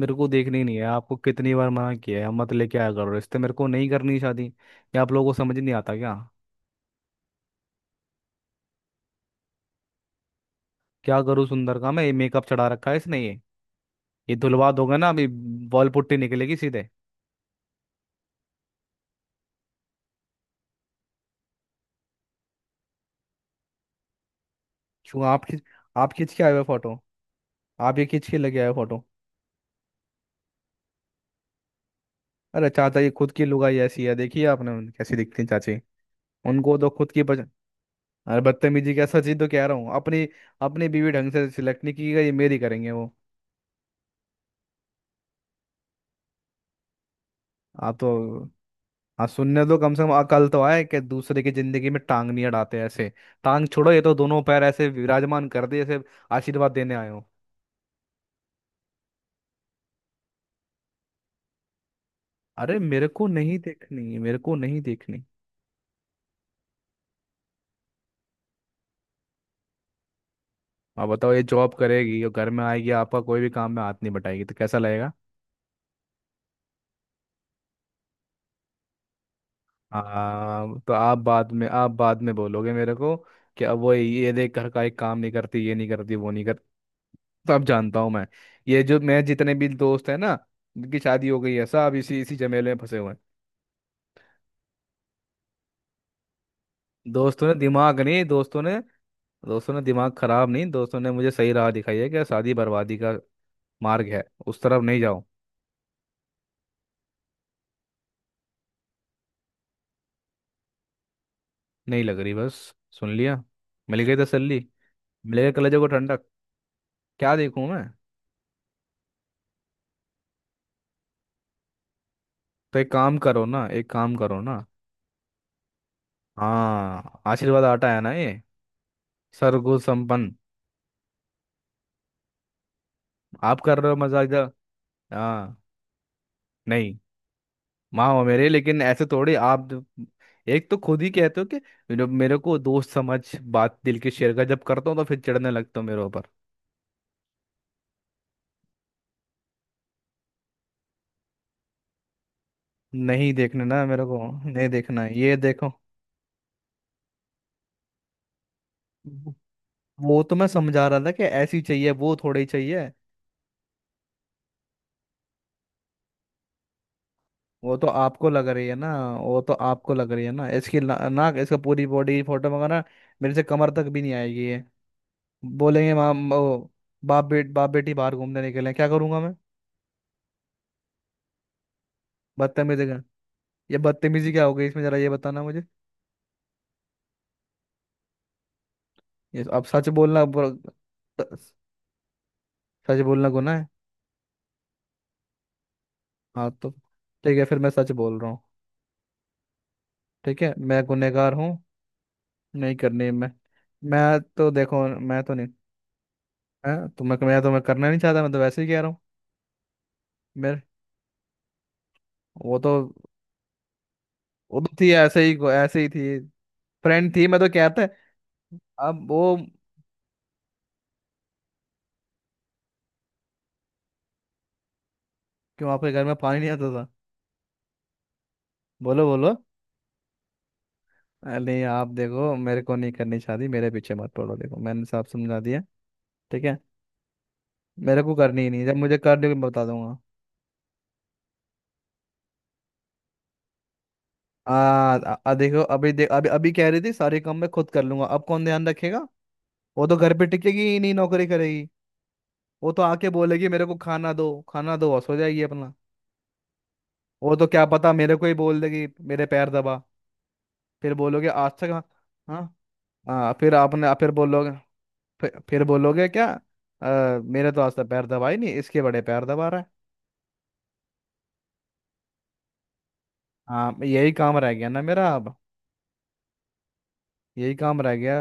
मेरे को देखनी नहीं है। आपको कितनी बार मना किया है, हम मत लेके आया करो रिश्ते। मेरे को नहीं करनी शादी, ये आप लोगों को समझ नहीं आता क्या। क्या करूँ सुंदर का, मैं ये मेकअप चढ़ा रखा है इसने। ये धुलवा दोगे ना अभी। बॉल पुट्टी निकलेगी सीधे। क्यों आप खिंच आप खींच के आए हुए फोटो। आप ये खींच के लेके आए हो फोटो। अरे चाचा, ये खुद की लुगाई ऐसी है, देखिए आपने कैसी दिखती है चाची। उनको तो खुद की पसंद। अरे बदतमीजी कैसा, चीज तो कह रहा हूँ अपनी। अपनी बीवी ढंग से सिलेक्ट नहीं की गई, ये मेरी करेंगे वो। आप तो। हाँ, सुनने दो, कम से कम अकल तो आए कि दूसरे की जिंदगी में टांग नहीं अड़ाते ऐसे। टांग छोड़ो, ये तो दोनों पैर ऐसे विराजमान कर दिए जैसे आशीर्वाद देने आए हो। अरे मेरे को नहीं देखनी, मेरे को नहीं देखनी। आप बताओ, ये जॉब करेगी और घर में आएगी, आपका कोई भी काम में हाथ नहीं बटाएगी तो कैसा लगेगा। हाँ तो आप बाद में, आप बाद में बोलोगे मेरे को कि अब वो ये देख, घर का एक काम नहीं करती, ये नहीं करती, वो नहीं करती। तो अब जानता हूँ मैं। ये जो मैं जितने भी दोस्त है ना, जिनकी शादी हो गई है, सब इसी इसी झमेले में फंसे हुए हैं। दोस्तों ने दिमाग नहीं, दोस्तों ने। दोस्तों ने दिमाग खराब नहीं, दोस्तों ने मुझे सही राह दिखाई है कि शादी बर्बादी का मार्ग है, उस तरफ नहीं जाओ। नहीं लग रही, बस। सुन लिया, मिल गई तसल्ली। मिल गई कलेजों को ठंडक। क्या देखूं मैं। तो एक काम करो ना, एक काम करो ना। हाँ, आशीर्वाद आटा है ना ये। सरगुण संपन्न। आप कर रहे हो मजाक, जा। हाँ। नहीं, माँ हो मेरे, लेकिन ऐसे थोड़ी आप एक तो खुद ही कहते हो कि मेरे मेरे को दोस्त समझ, बात दिल की शेयर कर। जब करता हूँ तो फिर चिढ़ने लगता हूँ मेरे ऊपर। नहीं देखना ना मेरे को। नहीं देखना है, ये देखो। वो तो मैं समझा रहा था कि ऐसी चाहिए, वो थोड़ी चाहिए। वो तो आपको लग रही है ना। वो तो आपको लग रही है ना, इसकी नाक इसका, पूरी बॉडी फोटो मंगाना। मेरे से कमर तक भी नहीं आएगी ये। बोलेंगे बाप बेट, बाप बेटी बाहर घूमने निकले, क्या करूंगा मैं। बदतमीजी का, ये बदतमीजी क्या हो गई इसमें, जरा ये बताना मुझे। ये अब सच बोलना गुनाह है। हाँ तो ठीक है, फिर मैं सच बोल रहा हूँ। ठीक है, मैं गुनहगार हूँ। नहीं करनी है। मैं तो देखो, मैं तो नहीं है तो मैं तो मैं करना नहीं चाहता, मैं तो वैसे ही कह रहा हूँ। मेरे, वो तो, वो तो थी ऐसे ही, ऐसे ही थी फ्रेंड थी, मैं तो कहता है। अब वो, क्यों आपके घर में पानी नहीं आता था। बोलो बोलो। अरे नहीं, आप देखो, मेरे को नहीं करनी चाहती, मेरे पीछे मत पड़ो, देखो मैंने साफ समझा दिया। ठीक है, मेरे को करनी ही नहीं, जब मुझे कर दोगे मैं बता दूंगा। आ देखो, अभी देख, अभी अभी कह रही थी सारे काम मैं खुद कर लूंगा, अब कौन ध्यान रखेगा। वो तो घर पे टिकेगी ही नहीं, नौकरी करेगी। वो तो आके बोलेगी मेरे को खाना दो, खाना दो, बस हो जाएगी अपना। वो तो क्या पता मेरे को ही बोल देगी मेरे पैर दबा। फिर बोलोगे आज तक। हाँ। हाँ, हाँ, फिर आपने फिर बोलोगे, फिर बोलोगे क्या, मेरे तो आज तक पैर दबा ही नहीं, इसके बड़े पैर दबा रहा है"। हाँ, यही काम रह गया ना मेरा अब। यही काम रह गया।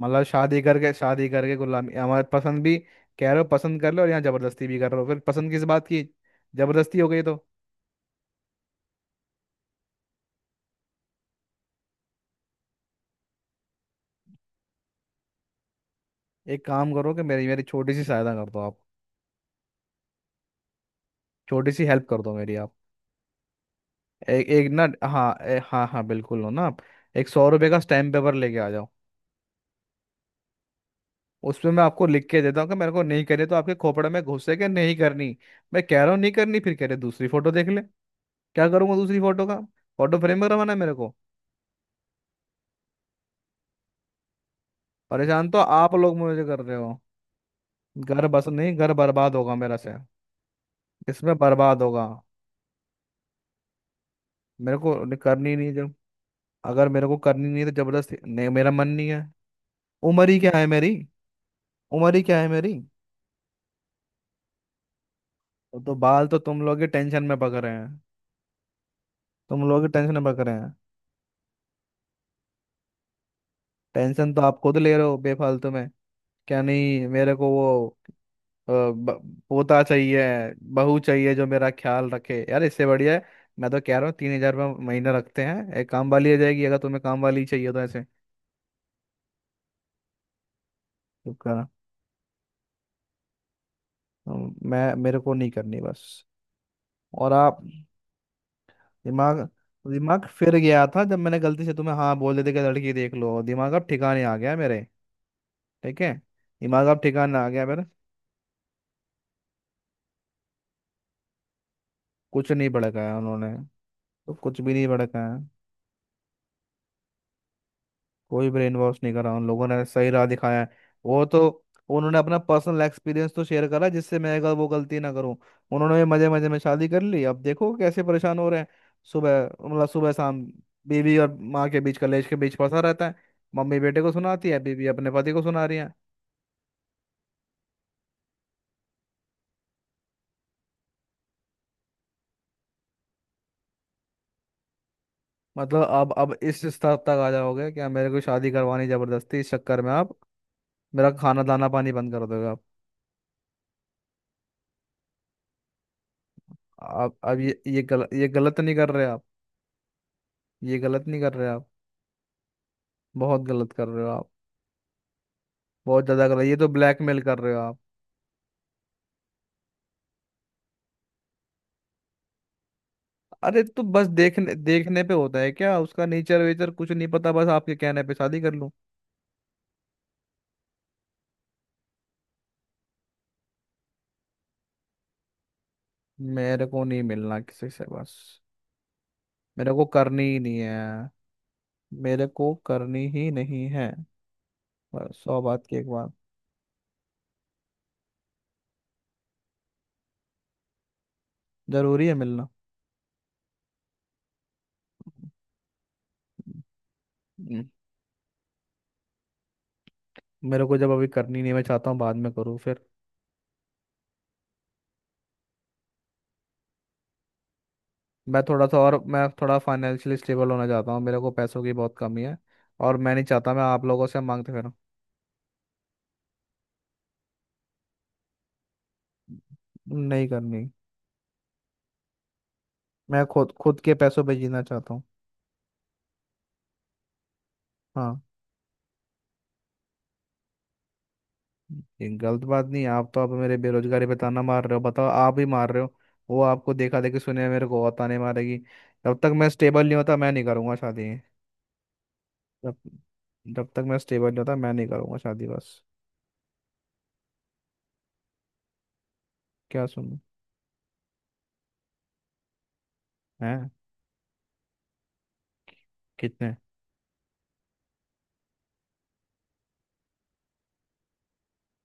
मतलब शादी करके, शादी करके गुलामी। हमारे पसंद भी कह रहे हो, पसंद कर लो, और यहाँ जबरदस्ती भी कर रहे हो, फिर पसंद किस बात की, जबरदस्ती हो गई तो। एक काम करो कि मेरी मेरी छोटी सी सहायता कर दो आप। छोटी सी हेल्प कर दो मेरी आप। एक एक ना, हाँ हाँ हाँ, बिल्कुल हो ना आप। 100 रुपये का स्टैम्प पेपर लेके आ जाओ। उसमें मैं आपको लिख के देता हूँ कि मेरे को नहीं करनी, तो आपके खोपड़े में घुसे के नहीं करनी। मैं कह रहा हूँ नहीं करनी, फिर कह रहे दूसरी फोटो देख ले। क्या करूँगा दूसरी फोटो का, फोटो फ्रेम करवाना है मेरे को। परेशान तो आप लोग मुझे कर रहे हो। घर बस नहीं, घर बर्बाद होगा मेरा से। इसमें बर्बाद होगा। मेरे को करनी नहीं जब, अगर मेरे को करनी नहीं है तो जबरदस्ती नहीं, मेरा मन नहीं है। उम्र ही क्या है मेरी। उम्र ही क्या है मेरी। तो बाल तो तुम लोग ही टेंशन में पकड़ रहे। तुम लोग ही टेंशन मत करें। टेंशन तो आप खुद ले रहे हो बेफालतू में। क्या नहीं मेरे को वो, पोता चाहिए, बहू चाहिए जो मेरा ख्याल रखे यार, इससे बढ़िया है। मैं तो कह रहा हूँ 3000 रुपये महीना रखते हैं, एक काम वाली आ जाएगी। अगर तुम्हें काम वाली चाहिए तो ऐसे। चुप करा। मैं मेरे को नहीं करनी बस। और आप। दिमाग, दिमाग फिर गया था जब मैंने गलती से तुम्हें हाँ बोल देते कि लड़की देख लो। दिमाग अब ठिकाने आ गया मेरे। ठीक है। दिमाग अब ठिकाने आ गया मेरे। कुछ नहीं भड़काया उन्होंने। तो कुछ भी नहीं भड़काया। कोई ब्रेन वॉश नहीं करा उन लोगों ने, सही राह दिखाया है। वो तो उन्होंने अपना पर्सनल एक्सपीरियंस तो शेयर करा, जिससे मैं अगर वो गलती ना करूं। उन्होंने मजे मजे में शादी कर ली, अब देखो कैसे परेशान हो रहे हैं। सुबह, मतलब सुबह शाम बीवी और माँ के बीच, कलेश के बीच फंसा रहता है। मम्मी बेटे को सुनाती है, बीवी अपने पति को सुना रही है। मतलब अब इस स्तर तक आ जाओगे क्या, मेरे को शादी करवानी जबरदस्ती, इस चक्कर में आप मेरा खाना दाना पानी बंद कर दोगे आप। आप अब ये गलत, ये गलत नहीं कर रहे आप। ये गलत नहीं कर रहे आप। बहुत गलत कर रहे हो आप। बहुत ज्यादा कर रहे, ये तो ब्लैकमेल कर रहे हो आप। अरे तो बस देखने देखने पे होता है क्या, उसका नेचर वेचर कुछ नहीं पता, बस आपके कहने पे शादी कर लूं। मेरे को नहीं मिलना किसी से बस। मेरे को करनी ही नहीं है। मेरे को करनी ही नहीं है, बस सौ बात की एक बात। जरूरी है मिलना। हम्म, मेरे को जब अभी करनी नहीं है, मैं चाहता हूँ बाद में करूँ फिर। मैं थोड़ा सा और, मैं थोड़ा फाइनेंशियली स्टेबल होना चाहता हूँ, मेरे को पैसों की बहुत कमी है। और मैं नहीं चाहता मैं आप लोगों से मांगते फिर। नहीं करनी। मैं खुद खुद के पैसों पे जीना चाहता हूँ। हाँ। ये गलत बात नहीं है आप, तो आप मेरे बेरोजगारी पे ताना मार रहे हो, बताओ आप ही मार रहे हो। वो आपको देखा देखी सुने मेरे को और ताने मारेगी। जब तक मैं स्टेबल नहीं होता, मैं नहीं करूँगा शादी। जब जब तक मैं स्टेबल नहीं होता, मैं नहीं करूँगा शादी बस। क्या सुनूं। हैं, कितने।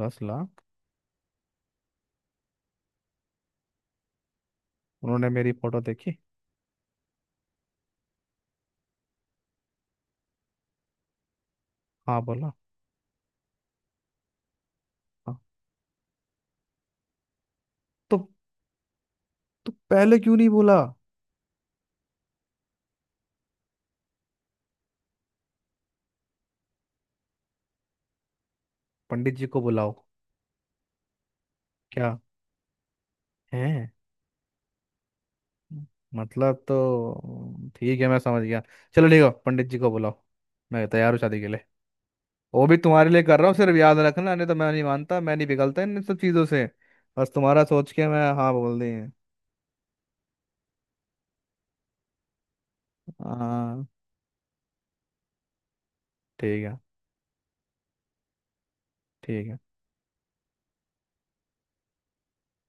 10 लाख। उन्होंने मेरी फोटो देखी। हाँ बोला। हाँ। तो, तो पहले क्यों नहीं बोला। पंडित जी को बुलाओ। क्या है। मतलब तो ठीक है, मैं समझ गया। चलो ठीक है, पंडित जी को बुलाओ। मैं तैयार हूँ शादी के लिए। वो भी तुम्हारे लिए कर रहा हूँ सिर्फ, याद रखना, नहीं तो मैं नहीं मानता, मैं नहीं पिघलता इन सब चीज़ों से। बस तुम्हारा सोच के मैं हाँ बोल दी। हाँ। ठीक है। ठीक है।